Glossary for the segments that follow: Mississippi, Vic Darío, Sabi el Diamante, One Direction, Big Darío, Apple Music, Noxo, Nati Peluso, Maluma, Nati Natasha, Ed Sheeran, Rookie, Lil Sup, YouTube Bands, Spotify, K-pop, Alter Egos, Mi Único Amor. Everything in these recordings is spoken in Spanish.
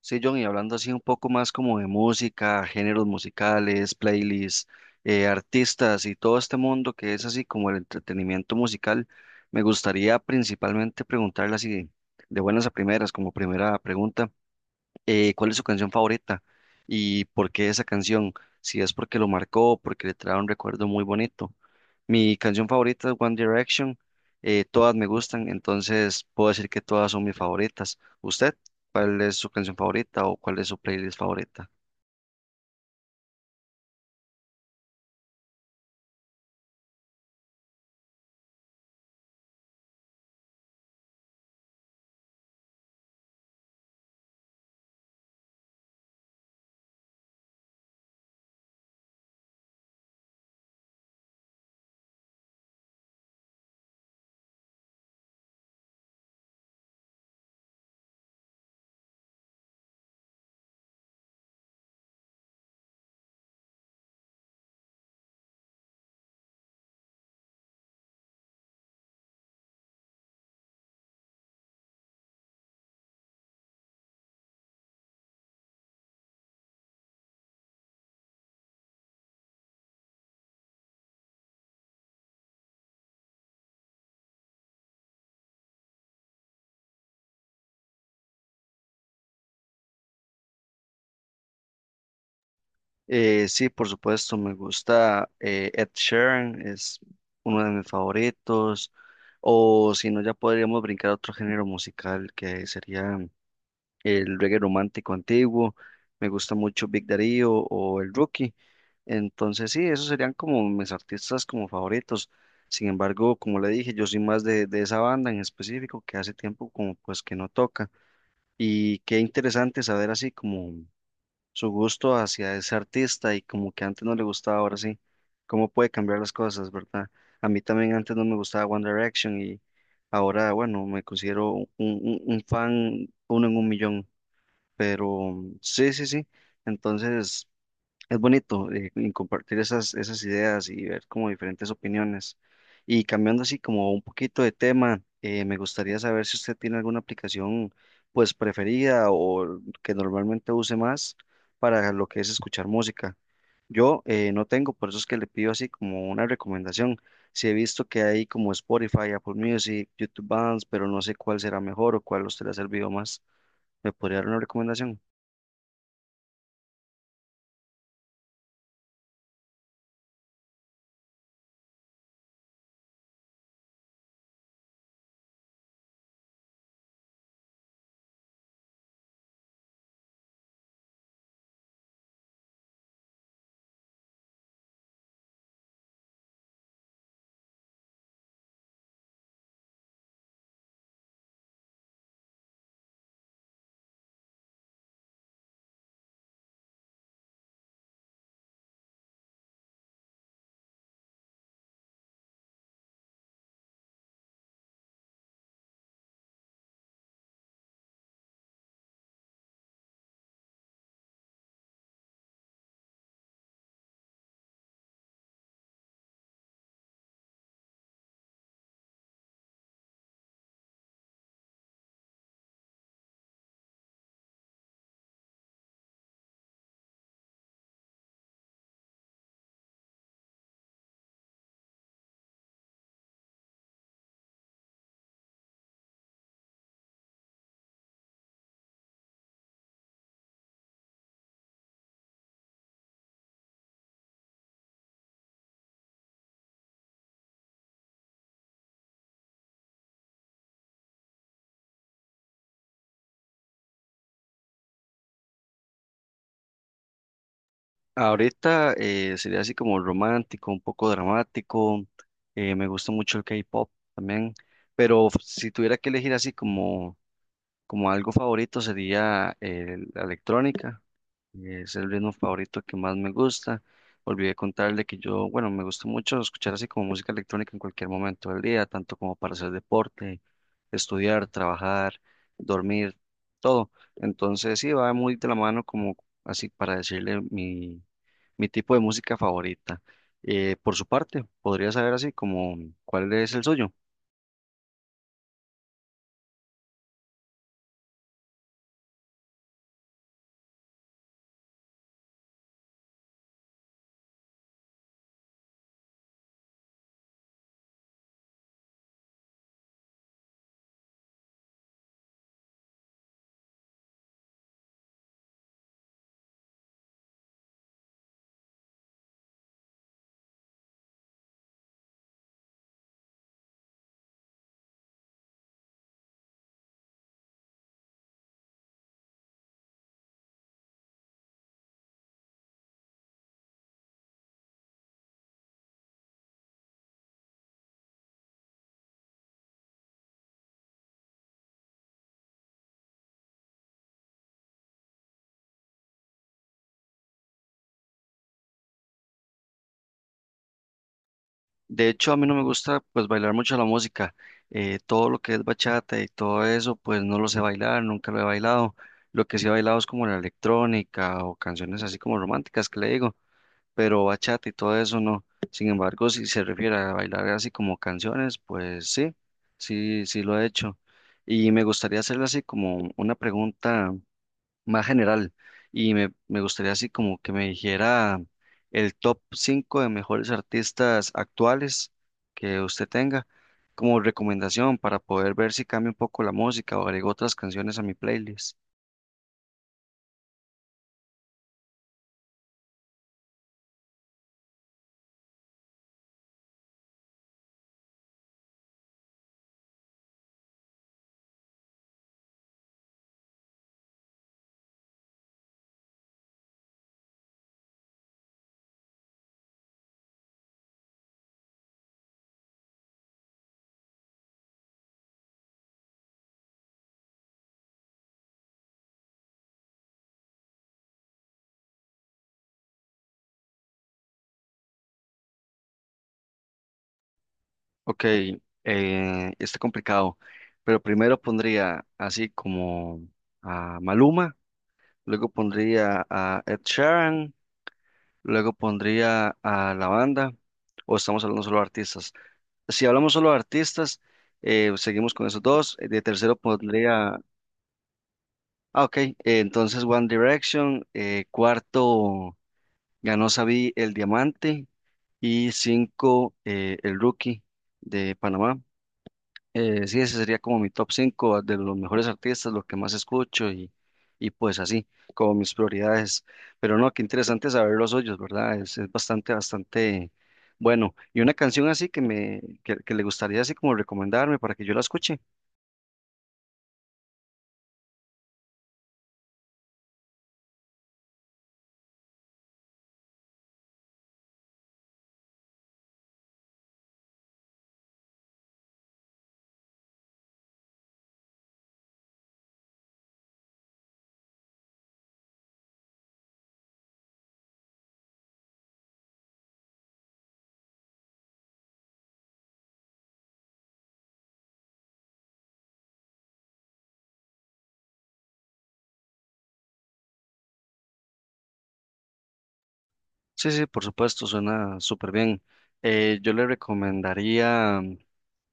Sí, John, y hablando así un poco más como de música, géneros musicales, playlists, artistas y todo este mundo que es así como el entretenimiento musical, me gustaría principalmente preguntarle así de buenas a primeras, como primera pregunta, cuál es su canción favorita y por qué esa canción, si es porque lo marcó, porque le trae un recuerdo muy bonito. Mi canción favorita es One Direction, todas me gustan, entonces puedo decir que todas son mis favoritas. ¿Usted cuál es su canción favorita o cuál es su playlist favorita? Sí, por supuesto, me gusta Ed Sheeran, es uno de mis favoritos, o si no, ya podríamos brincar a otro género musical que sería el reggae romántico antiguo. Me gusta mucho Big Darío o el Rookie. Entonces sí, esos serían como mis artistas como favoritos. Sin embargo, como le dije, yo soy más de esa banda en específico que hace tiempo como pues que no toca. Y qué interesante saber así como su gusto hacia ese artista y como que antes no le gustaba, ahora sí. Cómo puede cambiar las cosas, ¿verdad? A mí también antes no me gustaba One Direction y ahora, bueno, me considero un fan uno en un millón. Pero sí, sí, sí. Entonces es bonito y compartir esas ideas y ver como diferentes opiniones. Y cambiando así como un poquito de tema, me gustaría saber si usted tiene alguna aplicación pues preferida o que normalmente use más para lo que es escuchar música. Yo no tengo, por eso es que le pido así como una recomendación. Si he visto que hay como Spotify, Apple Music, YouTube Bands, pero no sé cuál será mejor o cuál a usted le ha servido más. ¿Me podría dar una recomendación? Ahorita sería así como romántico, un poco dramático. Me gusta mucho el K-pop también. Pero si tuviera que elegir así como, como algo favorito, sería la electrónica. Es el ritmo favorito que más me gusta. Olvidé contarle que yo, bueno, me gusta mucho escuchar así como música electrónica en cualquier momento del día, tanto como para hacer deporte, estudiar, trabajar, dormir, todo. Entonces sí, va muy de la mano como así para decirle mi tipo de música favorita. Por su parte, podría saber así como cuál es el suyo. De hecho, a mí no me gusta pues bailar mucho la música. Todo lo que es bachata y todo eso, pues no lo sé bailar, nunca lo he bailado. Lo que sí he bailado es como la electrónica o canciones así como románticas que le digo, pero bachata y todo eso no. Sin embargo, si se refiere a bailar así como canciones, pues sí, sí, sí lo he hecho. Y me gustaría hacerle así como una pregunta más general y me gustaría así como que me dijera el top 5 de mejores artistas actuales que usted tenga como recomendación para poder ver si cambia un poco la música o agrego otras canciones a mi playlist. Ok, está complicado, pero primero pondría así como a Maluma, luego pondría a Ed Sheeran, luego pondría a la banda, o estamos hablando solo de artistas. Si hablamos solo de artistas, seguimos con esos dos. De tercero pondría. Ah, ok. Entonces One Direction. Cuarto ganó Sabi el Diamante. Y cinco, el Rookie de Panamá. Sí, ese sería como mi top 5 de los mejores artistas, lo que más escucho y pues así, como mis prioridades. Pero no, qué interesante saber los hoyos, ¿verdad? Es bastante, bastante bueno. Y una canción así que me, que le gustaría así como recomendarme para que yo la escuche. Sí, sí, por supuesto, suena súper bien. Yo le recomendaría,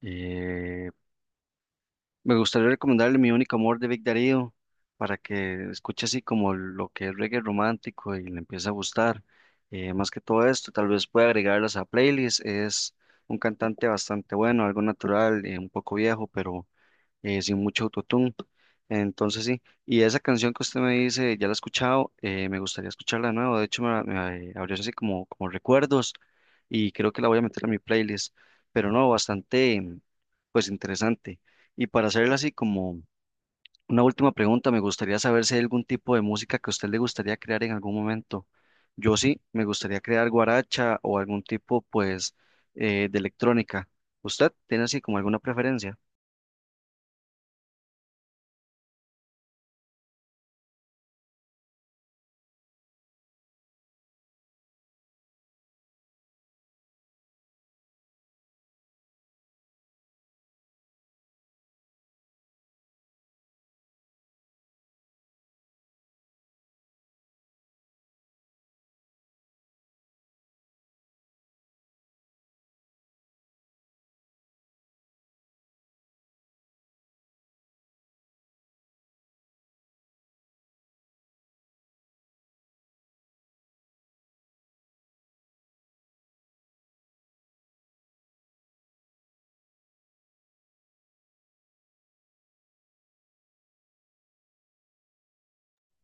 eh, me gustaría recomendarle Mi Único Amor de Vic Darío para que escuche así como lo que es reggae romántico y le empiece a gustar. Más que todo esto, tal vez pueda agregarlas a playlist. Es un cantante bastante bueno, algo natural, un poco viejo, pero sin mucho autotune. Entonces sí, y esa canción que usted me dice, ya la he escuchado. Eh, me gustaría escucharla de nuevo, de hecho me abrió así como, como recuerdos y creo que la voy a meter a mi playlist, pero no, bastante pues interesante. Y para hacerla así como una última pregunta, me gustaría saber si hay algún tipo de música que a usted le gustaría crear en algún momento. Yo sí, me gustaría crear guaracha o algún tipo pues de electrónica. ¿Usted tiene así como alguna preferencia?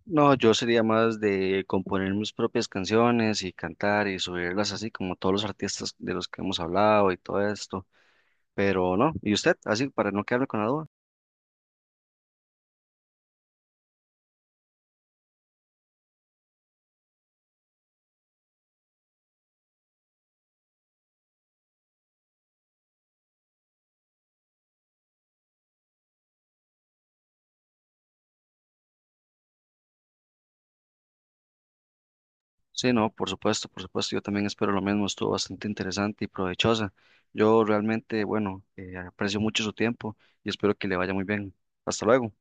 No, yo sería más de componer mis propias canciones y cantar y subirlas así como todos los artistas de los que hemos hablado y todo esto. Pero no, ¿y usted? Así para no quedarme con la duda. Sí, no, por supuesto, yo también espero lo mismo. Estuvo bastante interesante y provechosa. Yo realmente, bueno, aprecio mucho su tiempo y espero que le vaya muy bien. Hasta luego.